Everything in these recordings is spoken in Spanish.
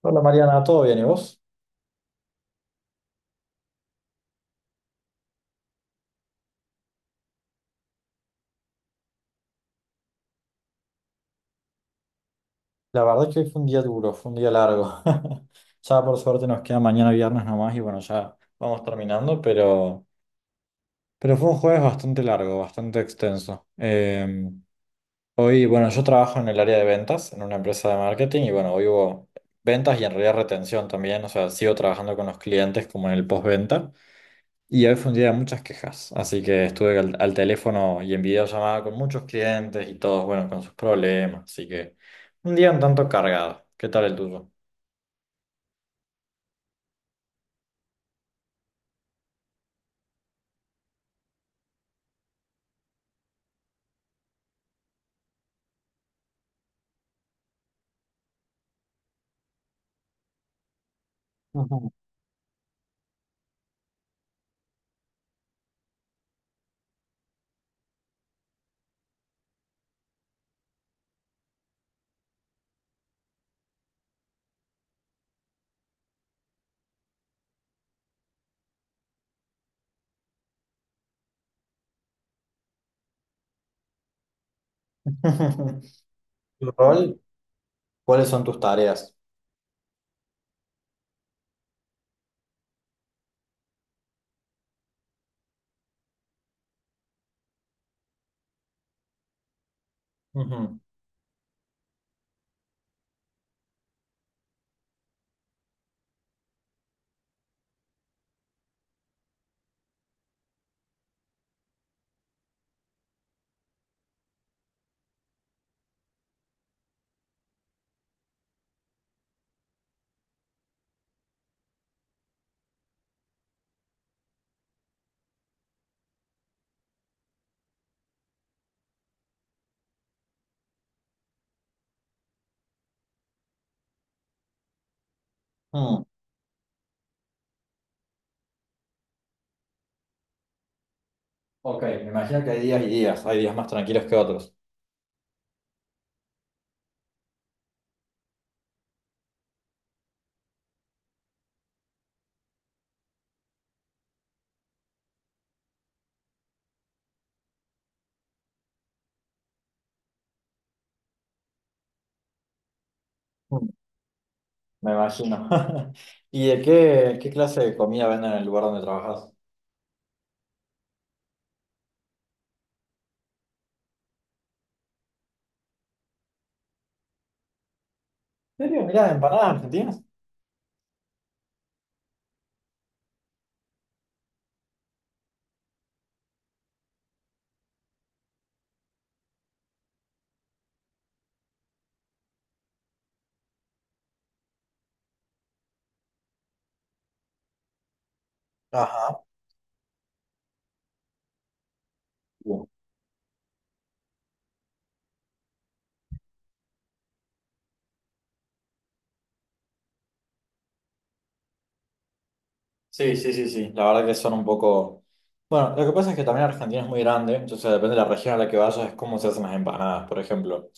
Hola Mariana, ¿todo bien y vos? La verdad es que hoy fue un día duro, fue un día largo. Ya por suerte nos queda mañana viernes nomás y bueno, ya vamos terminando, pero, fue un jueves bastante largo, bastante extenso. Hoy, bueno, yo trabajo en el área de ventas, en una empresa de marketing y bueno, hoy hubo ventas y en realidad retención también, o sea, sigo trabajando con los clientes como en el postventa. Y hoy fue un día de muchas quejas, así que estuve al teléfono y en videollamada con muchos clientes y todos, bueno, con sus problemas, así que un día un tanto cargado. ¿Qué tal el tuyo? Ujú. ¿Tu rol? ¿Cuáles son tus tareas? Ujú. Mm, ok, me imagino que hay días y días, hay días más tranquilos que otros. Mm, me imagino. ¿Y qué clase de comida venden en el lugar donde trabajas? ¿En serio? ¿Mirá, empanadas argentinas? Ajá. Sí, sí, sí, sí. La verdad que son un poco. Bueno, lo que pasa es que también Argentina es muy grande, entonces depende de la región a la que vayas, es cómo se hacen las empanadas, por ejemplo.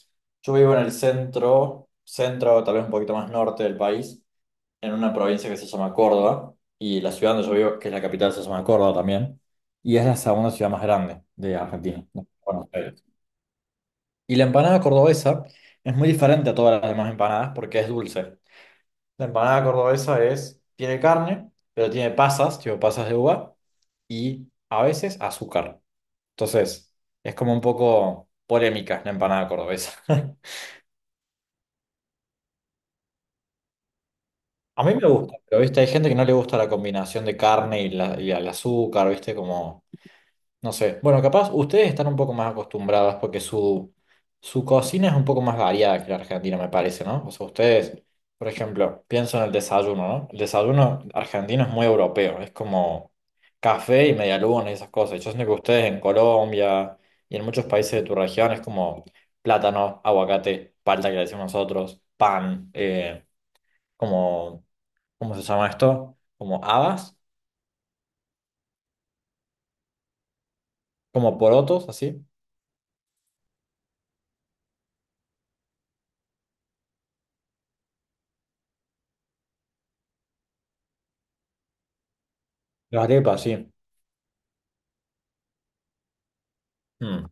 Yo vivo en el centro, centro, tal vez un poquito más norte del país, en una provincia que se llama Córdoba, y la ciudad donde yo vivo, que es la capital, se llama Córdoba también, y es la segunda ciudad más grande de Argentina, ¿no? Buenos Aires. Y la empanada cordobesa es muy diferente a todas las demás empanadas porque es dulce. La empanada cordobesa es, tiene carne, pero tiene pasas, tipo pasas de uva, y a veces azúcar. Entonces, es como un poco polémica la empanada cordobesa. A mí me gusta, pero viste, hay gente que no le gusta la combinación de carne y, y el azúcar, viste, como... No sé. Bueno, capaz ustedes están un poco más acostumbradas porque su cocina es un poco más variada que la Argentina, me parece, ¿no? O sea, ustedes, por ejemplo, pienso en el desayuno, ¿no? El desayuno argentino es muy europeo, es como café y medialunas y esas cosas. Yo siento que ustedes en Colombia y en muchos países de tu región es como plátano, aguacate, palta que le decimos nosotros, pan, como, ¿cómo se llama esto? Como habas, como porotos, así. Las arepas, sí. Mm.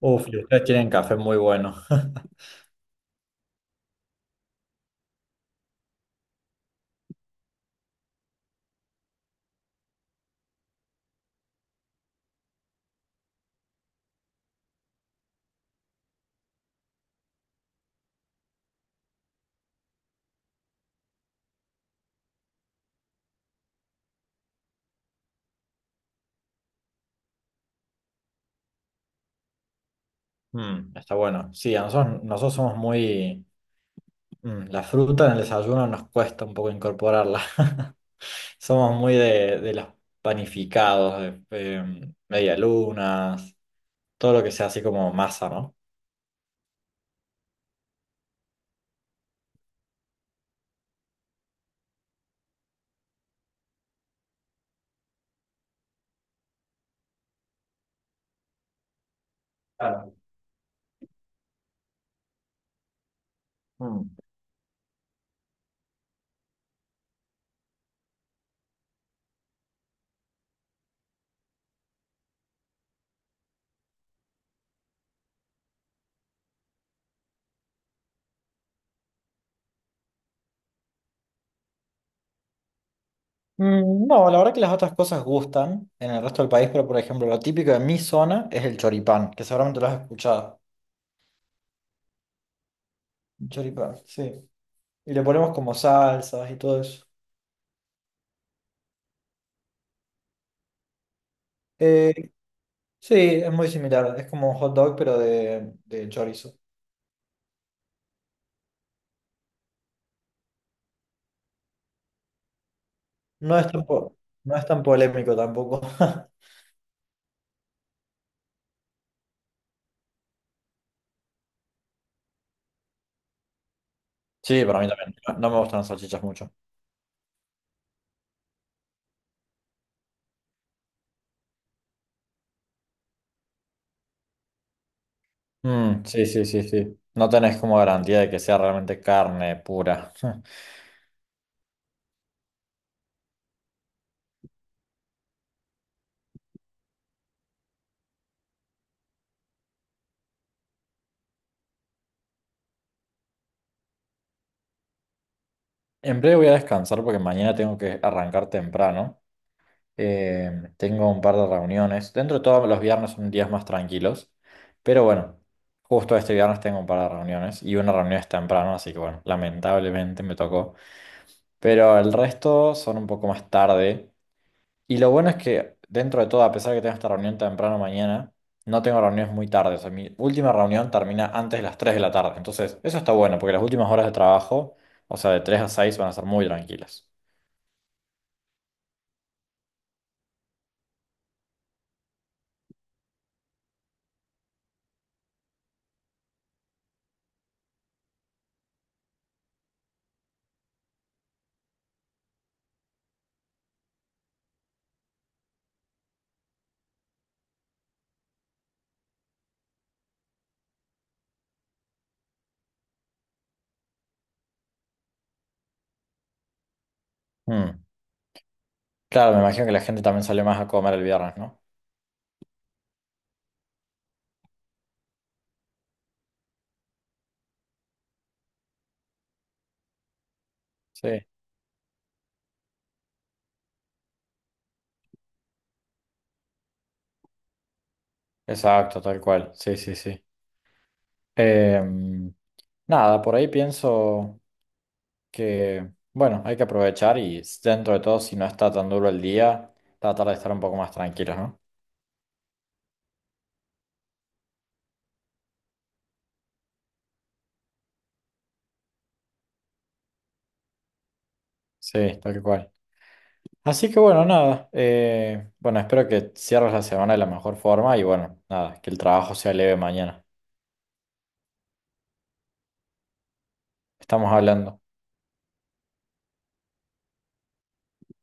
Uf, y ustedes tienen café muy bueno. Mm, está bueno. Sí, a nosotros, nosotros somos muy... mm, la fruta en el desayuno nos cuesta un poco incorporarla. Somos muy de, los panificados, de, medialunas, todo lo que sea así como masa, ¿no? Claro. Mm. Mm, no, la verdad que las otras cosas gustan en el resto del país, pero por ejemplo, lo típico de mi zona es el choripán, que seguramente lo has escuchado. Choripán, sí. Y le ponemos como salsas y todo eso. Eh, Sí, es muy similar. Es como un hot dog, pero de, chorizo. No es tan, po- no es tan polémico tampoco. Sí, para mí también. No, no me gustan las salchichas mucho. Mm, sí, sí, sí, sí. No tenés como garantía de que sea realmente carne pura. En breve voy a descansar porque mañana tengo que arrancar temprano. Eh, tengo un par de reuniones. Dentro de todo, los viernes son días más tranquilos. Pero bueno, justo este viernes tengo un par de reuniones y una reunión es temprano, así que bueno, lamentablemente me tocó. Pero el resto son un poco más tarde. Y lo bueno es que dentro de todo, a pesar de que tengo esta reunión temprano mañana, no tengo reuniones muy tarde. O sea, mi última reunión termina antes de las 3 de la tarde. Entonces, eso está bueno, porque las últimas horas de trabajo, o sea, de 3 a 6 van a ser muy tranquilas. Mm. Claro, me imagino que la gente también salió más a comer el viernes, ¿no? Sí, exacto, tal cual. Sí, sí, sí. Em, nada, por ahí pienso. Que, bueno, hay que aprovechar y dentro de todo, si no está tan duro el día, tratar de estar un poco más tranquilos, ¿no? Sí, tal que cual. Así que bueno, nada, bueno, espero que cierres la semana de la mejor forma y bueno, nada, que el trabajo sea leve mañana. Estamos hablando.